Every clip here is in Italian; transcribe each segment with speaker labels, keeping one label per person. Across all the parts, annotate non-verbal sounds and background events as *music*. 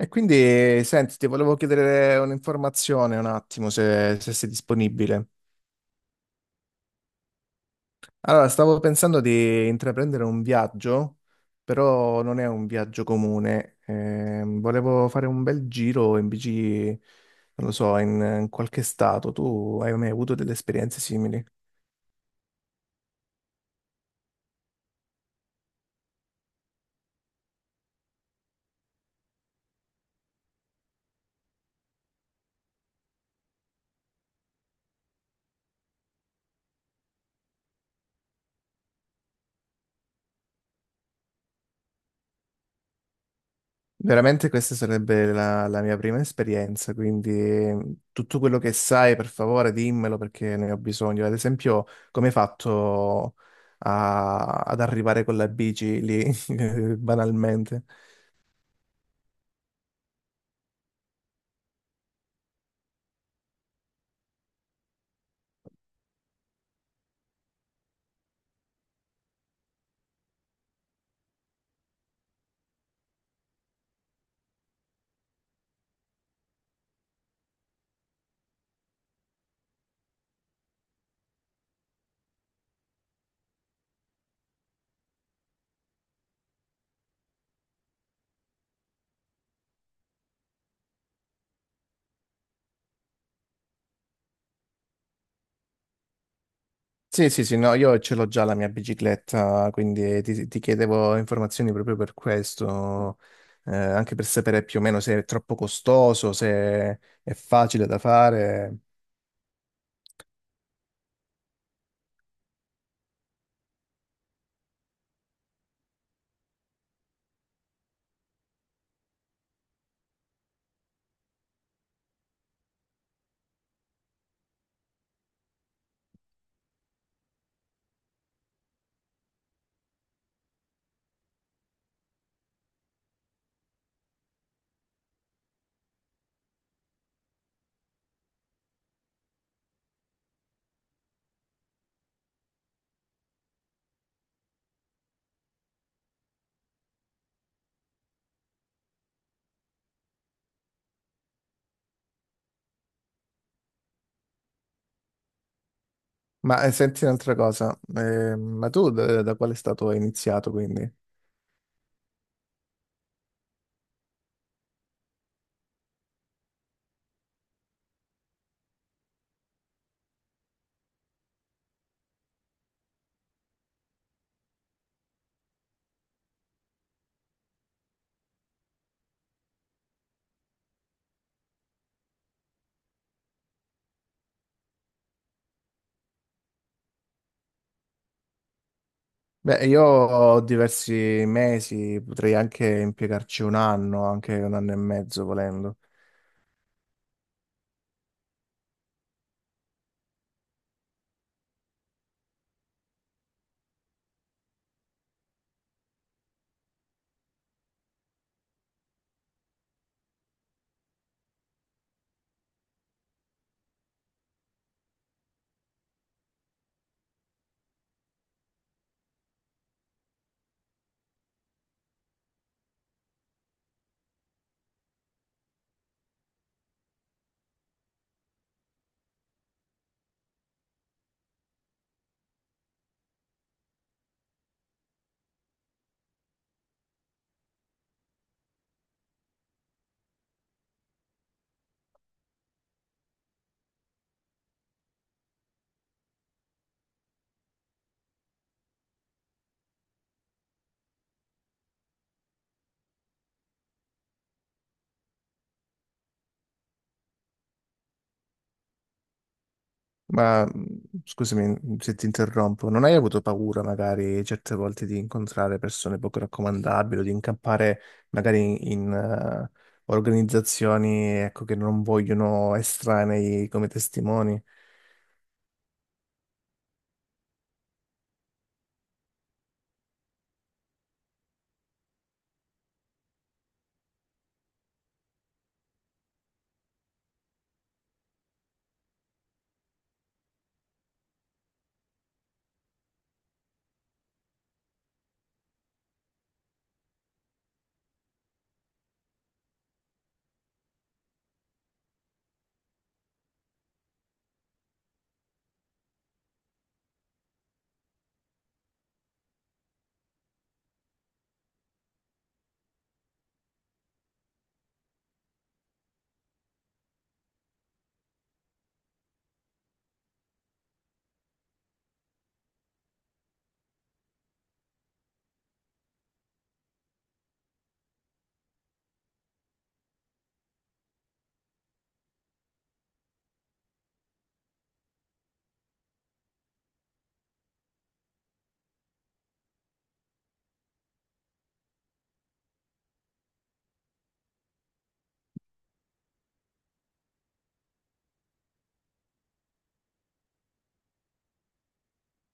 Speaker 1: E quindi, senti, ti volevo chiedere un'informazione un attimo, se sei disponibile. Allora, stavo pensando di intraprendere un viaggio, però non è un viaggio comune. Volevo fare un bel giro in bici, non lo so, in qualche stato. Tu hai mai avuto delle esperienze simili? Veramente questa sarebbe la mia prima esperienza, quindi tutto quello che sai, per favore, dimmelo perché ne ho bisogno. Ad esempio, come hai fatto ad arrivare con la bici lì, *laughs* banalmente? Sì, sì, sì, no, io ce l'ho già la mia bicicletta, quindi ti chiedevo informazioni proprio per questo, anche per sapere più o meno se è troppo costoso, se è facile da fare. Ma senti un'altra cosa, ma tu da quale stato hai iniziato quindi? Beh, io ho diversi mesi, potrei anche impiegarci un anno, anche un anno e mezzo volendo. Ma scusami se ti interrompo, non hai avuto paura magari certe volte di incontrare persone poco raccomandabili o di incappare magari in organizzazioni ecco, che non vogliono estranei come testimoni?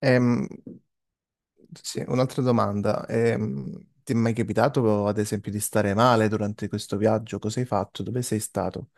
Speaker 1: Ehm, Sì, un'altra domanda. Ti è mai capitato, ad esempio, di stare male durante questo viaggio? Cosa hai fatto? Dove sei stato?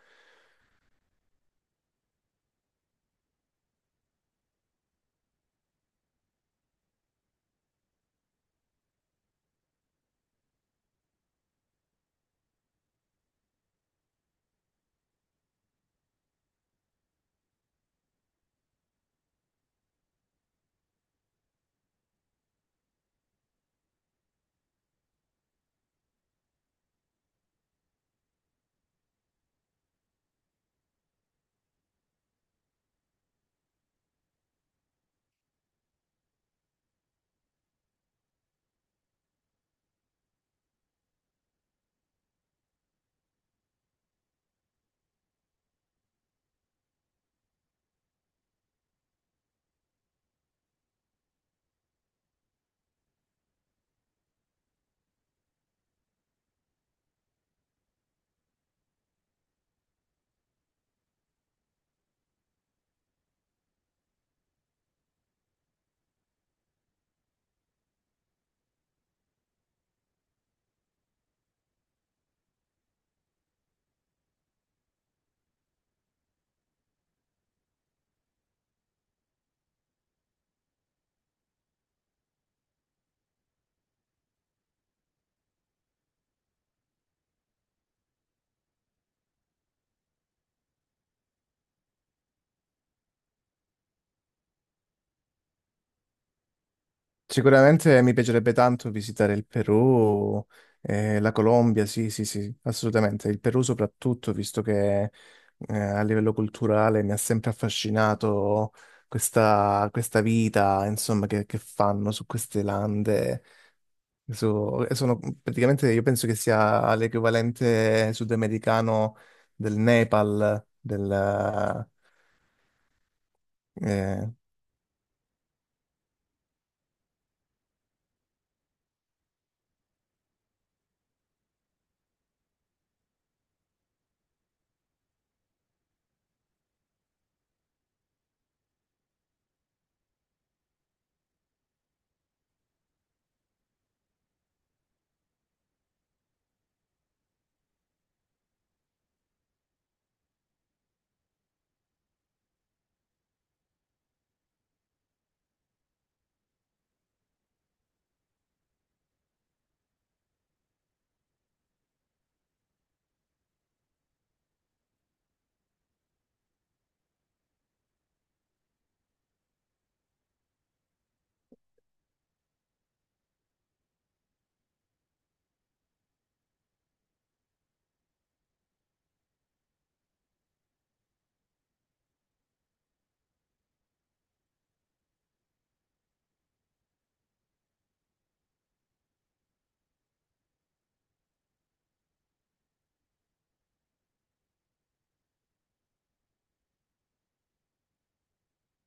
Speaker 1: Sicuramente mi piacerebbe tanto visitare il Perù, la Colombia, sì, sì, sì, assolutamente. Il Perù soprattutto, visto che a livello culturale mi ha sempre affascinato questa vita, insomma, che fanno su queste lande. Sono praticamente, io penso che sia l'equivalente sudamericano del Nepal, del, eh,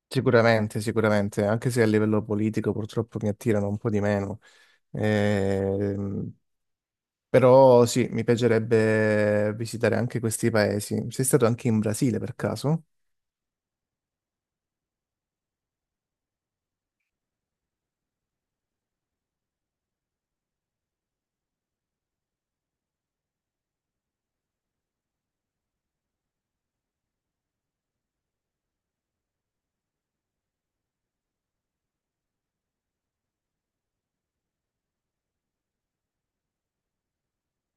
Speaker 1: sicuramente, sicuramente, anche se a livello politico purtroppo mi attirano un po' di meno. Ehm, Però sì, mi piacerebbe visitare anche questi paesi. Sei stato anche in Brasile per caso?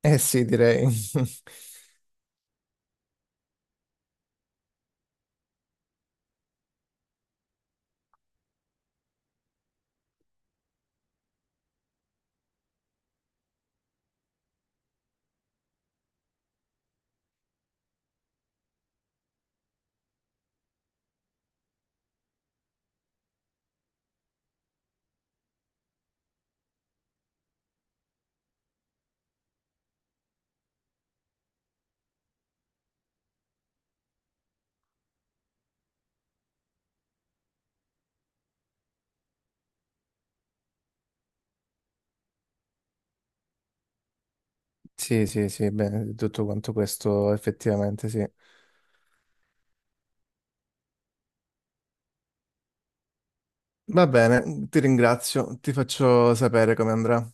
Speaker 1: Eh sì, direi. *laughs* Sì, sì, sì, beh, tutto quanto questo effettivamente sì. Va bene, ti ringrazio, ti faccio sapere come andrà.